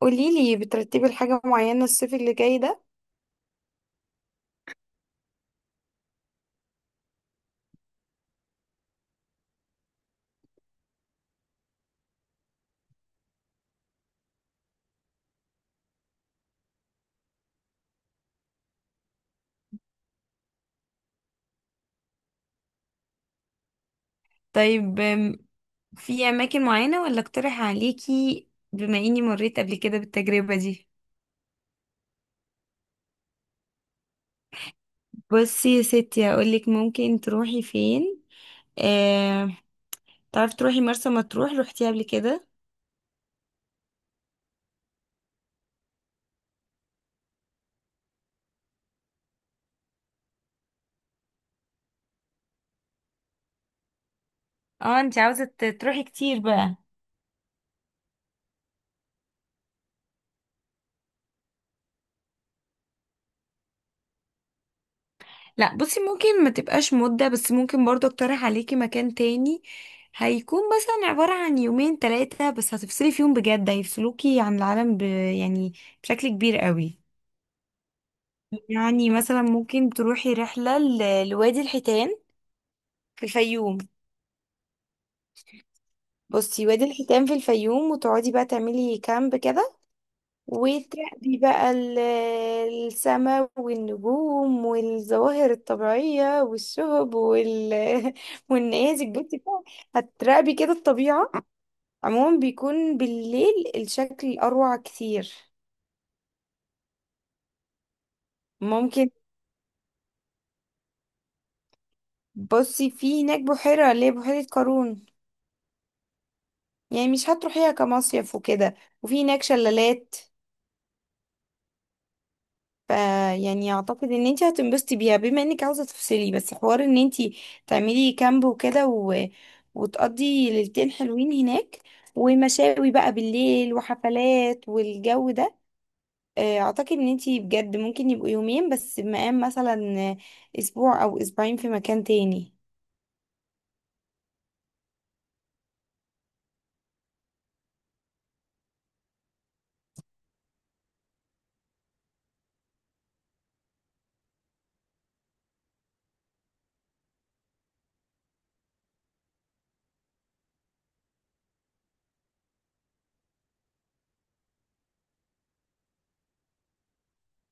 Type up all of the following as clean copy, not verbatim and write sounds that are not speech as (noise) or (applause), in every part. قوليلي بترتبي لحاجة معينة الصيف اللي جاي ده؟ طيب، في اماكن معينة ولا اقترح عليكي بما اني مريت قبل كده بالتجربة دي؟ بصي يا ستي، هقولك ممكن تروحي فين. آه... تعرفي تروحي مرسى مطروح؟ روحتيها قبل كده؟ اه، انت عاوزة تروحي كتير بقى. لا بصي، ممكن ما تبقاش مدة، بس ممكن برضو اقترح عليكي مكان تاني. هيكون مثلا عبارة عن يومين ثلاثة بس هتفصلي فيهم بجد، هيفصلوكي عن العالم يعني بشكل كبير قوي. يعني مثلا ممكن تروحي رحلة لوادي الحيتان في الفيوم. بصي، وادي الحيتان في الفيوم، وتقعدي بقى تعملي كامب كده، وتراقبي بقى السماء والنجوم والظواهر الطبيعية والشهب (laughs) والنيازك. بصي بقى هتراقبي كده الطبيعة. عموما بيكون بالليل الشكل أروع كتير. ممكن، بصي في هناك بحيرة اللي هي بحيرة قارون. يعني مش هتروحيها كمصيف وكده، وفي هناك شلالات. ف يعني اعتقد ان انت هتنبسطي بيها، بما انك عاوزه تفصلي، بس حوار ان انت تعملي كامب وكده وتقضي ليلتين حلوين هناك، ومشاوي بقى بالليل وحفلات والجو ده. اعتقد ان انت بجد ممكن يبقوا يومين بس، مقام مثلا اسبوع او اسبوعين في مكان تاني.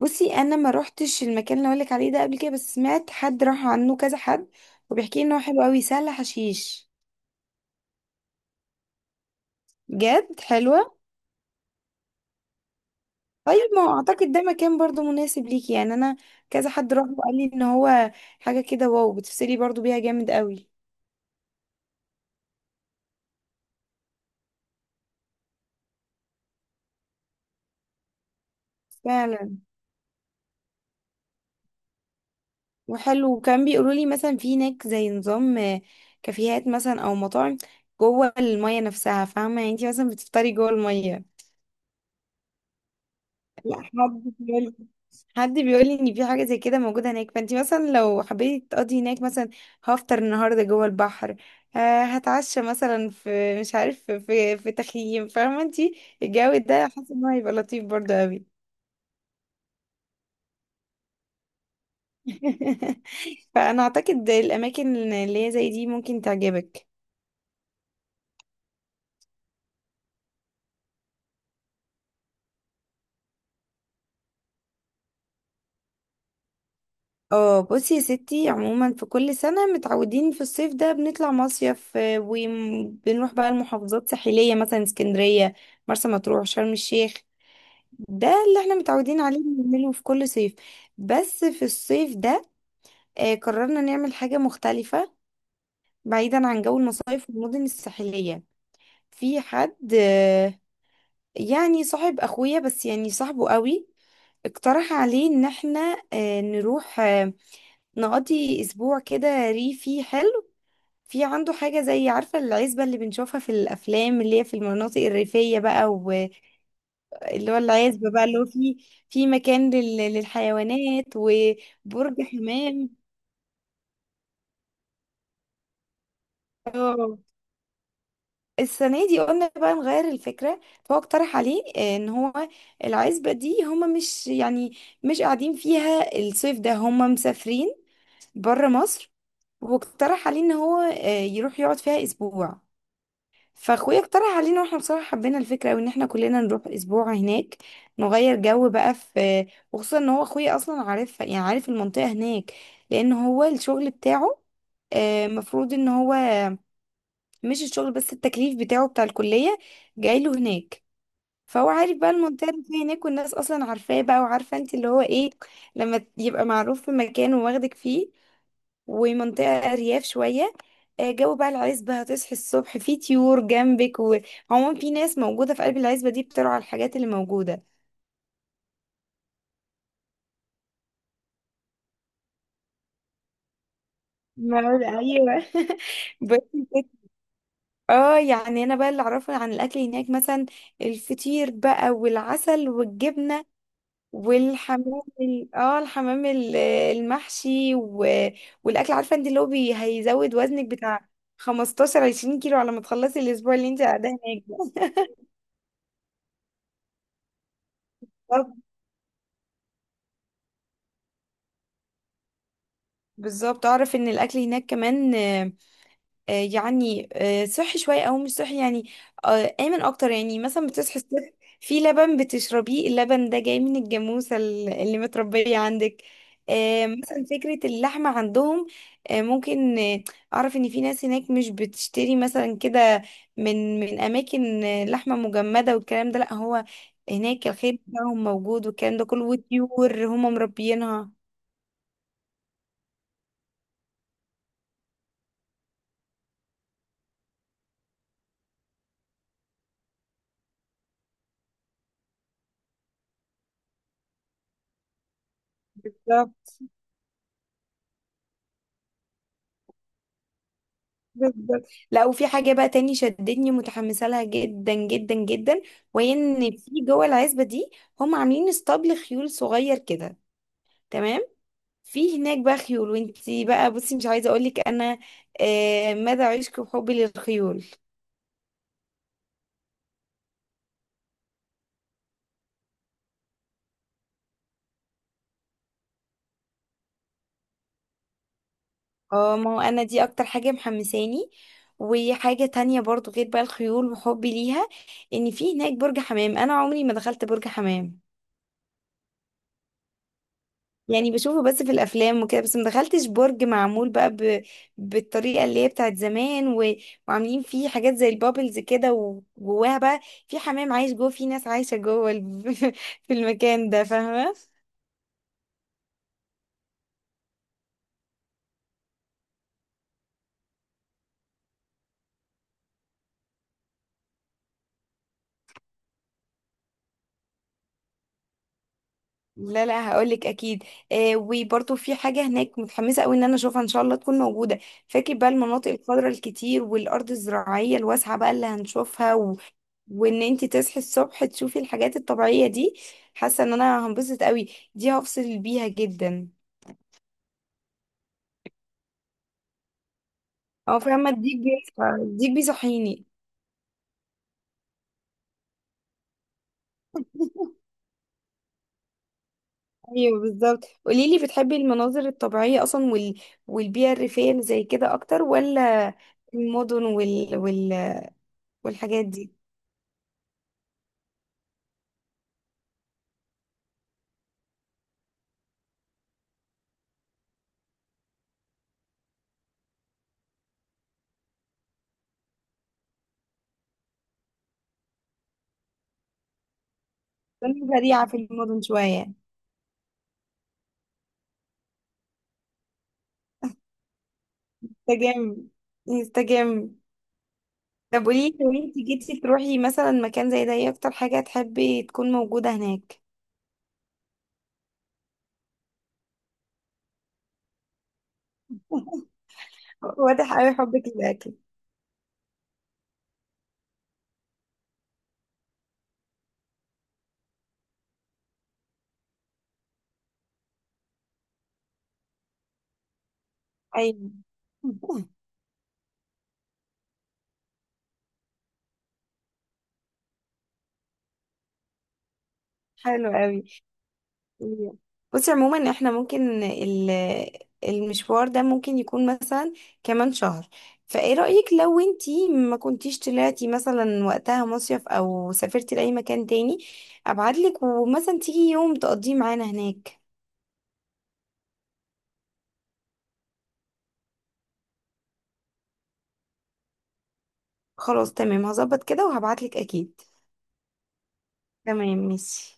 بصي، انا ما روحتش المكان اللي اقولك عليه ده قبل كده، بس سمعت حد راح عنه، كذا حد، وبيحكي لي ان هو حلو قوي، سهل حشيش. جد حلوة. طيب، ما هو اعتقد ده مكان برضو مناسب ليكي. يعني انا كذا حد راح وقال لي ان هو حاجة كده واو، بتفصلي برضو بيها جامد قوي. فعلا، وحلو. وكان بيقولوا لي مثلا في هناك زي نظام كافيهات مثلا او مطاعم جوه المية نفسها، فاهمة يعني انتي مثلا بتفطري جوه المية. لا، حد بيقول لي ان في حاجه زي كده موجوده هناك. فانت مثلا لو حبيتي تقضي هناك، مثلا هفطر النهارده جوه البحر، هتعشى مثلا في، مش عارف، في تخييم، فاهمه انت الجو ده. حاسه ان هو هيبقى لطيف برضه قوي. (laughs) فانا اعتقد الاماكن اللي هي زي دي ممكن تعجبك. اه بصي يا ستي، عموما في كل سنة متعودين في الصيف ده بنطلع مصيف، وبنروح بقى المحافظات الساحلية، مثلا اسكندرية، مرسى مطروح، شرم الشيخ. ده اللي احنا متعودين عليه بنعمله في كل صيف. بس في الصيف ده قررنا نعمل حاجة مختلفة بعيدا عن جو المصايف والمدن الساحلية. في حد، يعني صاحب اخويا، بس يعني صاحبه قوي، اقترح عليه ان احنا نروح نقضي اسبوع كده ريفي حلو. في عنده حاجة زي، عارفة، العزبة اللي بنشوفها في الأفلام، اللي هي في المناطق الريفية بقى. اللي هو العزبة بقى، اللي هو فيه في مكان للحيوانات وبرج حمام. اه، السنة دي قلنا بقى نغير الفكرة. فهو اقترح عليه ان هو العزبة دي هما، مش يعني، مش قاعدين فيها الصيف ده، هما مسافرين بره مصر. واقترح عليه ان هو يروح يقعد فيها اسبوع. فاخويا اقترح علينا، واحنا بصراحه حبينا الفكره قوي، ان احنا كلنا نروح اسبوع هناك نغير جو بقى. في، وخصوصا ان هو اخويا اصلا عارف، يعني عارف المنطقه هناك، لان هو الشغل بتاعه، مفروض ان هو، مش الشغل بس، التكليف بتاعه بتاع الكليه جاي له هناك. فهو عارف بقى المنطقه اللي فيها هناك، والناس اصلا عارفاه بقى، وعارفه انت اللي هو ايه لما يبقى معروف في مكان وواخدك فيه. ومنطقة أرياف شوية، جو بقى العزبة، هتصحي الصبح في طيور جنبك، وعموما في ناس موجودة في قلب العزبة دي بترعى الحاجات اللي موجودة. معقول، ايوه. (laughs) ب... اه يعني انا بقى اللي اعرفه عن الاكل هناك مثلا، الفطير بقى والعسل والجبنه، والحمام الحمام المحشي والاكل، عارفه انت اللي هو هيزود وزنك بتاع 15 20 كيلو على ما تخلصي الاسبوع اللي انت قاعده هناك. ده بالظبط، اعرف ان الاكل هناك كمان، يعني صحي شويه، او مش صحي يعني، امن اكتر. يعني مثلا بتصحي الصبح في لبن بتشربيه، اللبن ده جاي من الجاموسه اللي متربيه عندك. مثلا فكره اللحمه عندهم، ممكن، اعرف ان في ناس هناك مش بتشتري مثلا كده من اماكن لحمه مجمده والكلام ده. لا هو هناك الخير بتاعهم موجود والكلام ده كله، وطيور هم مربيينها. بالظبط. لا، وفي حاجة بقى تاني شدتني، متحمسة لها جدا جدا جدا، وهي ان في جوه العزبة دي هم عاملين اسطبل خيول صغير كده. تمام، في هناك بقى خيول، وانتي بقى بصي مش عايزة اقولك انا مدى عشقي وحبي للخيول. اه، ما هو انا دي اكتر حاجة محمساني. وحاجة تانية برضو، غير بقى الخيول وحبي ليها، ان في هناك برج حمام، انا عمري ما دخلت برج حمام. يعني بشوفه بس في الافلام وكده، بس ما دخلتش برج معمول بقى بالطريقه اللي هي بتاعت زمان، وعاملين فيه حاجات زي البابلز كده، وجواها بقى في حمام عايش جوه، في ناس عايشه جوه (laughs) في المكان ده، فاهمه. لا لا، هقولك اكيد. وبرضه في حاجه هناك متحمسه قوي ان انا اشوفها، ان شاء الله تكون موجوده. فاكر بقى المناطق الخضراء الكتير والارض الزراعيه الواسعه بقى اللي هنشوفها وان انت تصحي الصبح تشوفي الحاجات الطبيعيه دي، حاسه ان انا هنبسط قوي، دي هفصل بيها جدا. اه فاهمه، الديك بيصحيني. ايوه بالظبط. قوليلي، بتحبي المناظر الطبيعيه اصلا والبيئه الريفيه اللي زي كده اكتر، ولا المدن والحاجات دي؟ كنت بديعة في المدن شوية. انسجام، انسجام. طب قولي لي، لو انت جيتي تروحي مثلا مكان زي ده، ايه اكتر حاجة تحبي تكون موجودة هناك؟ (laughs) واضح قوي حبك للأكل. ايوه. (laughs) حلو قوي. بصي عموما، احنا ممكن المشوار ده ممكن يكون مثلا كمان شهر، فايه رأيك لو انتي ما كنتيش طلعتي مثلا وقتها مصيف او سافرتي لأي مكان تاني، ابعتلك ومثلا تيجي يوم تقضيه معانا هناك. خلاص تمام، هظبط كده وهبعتلك اكيد. تمام ماشي.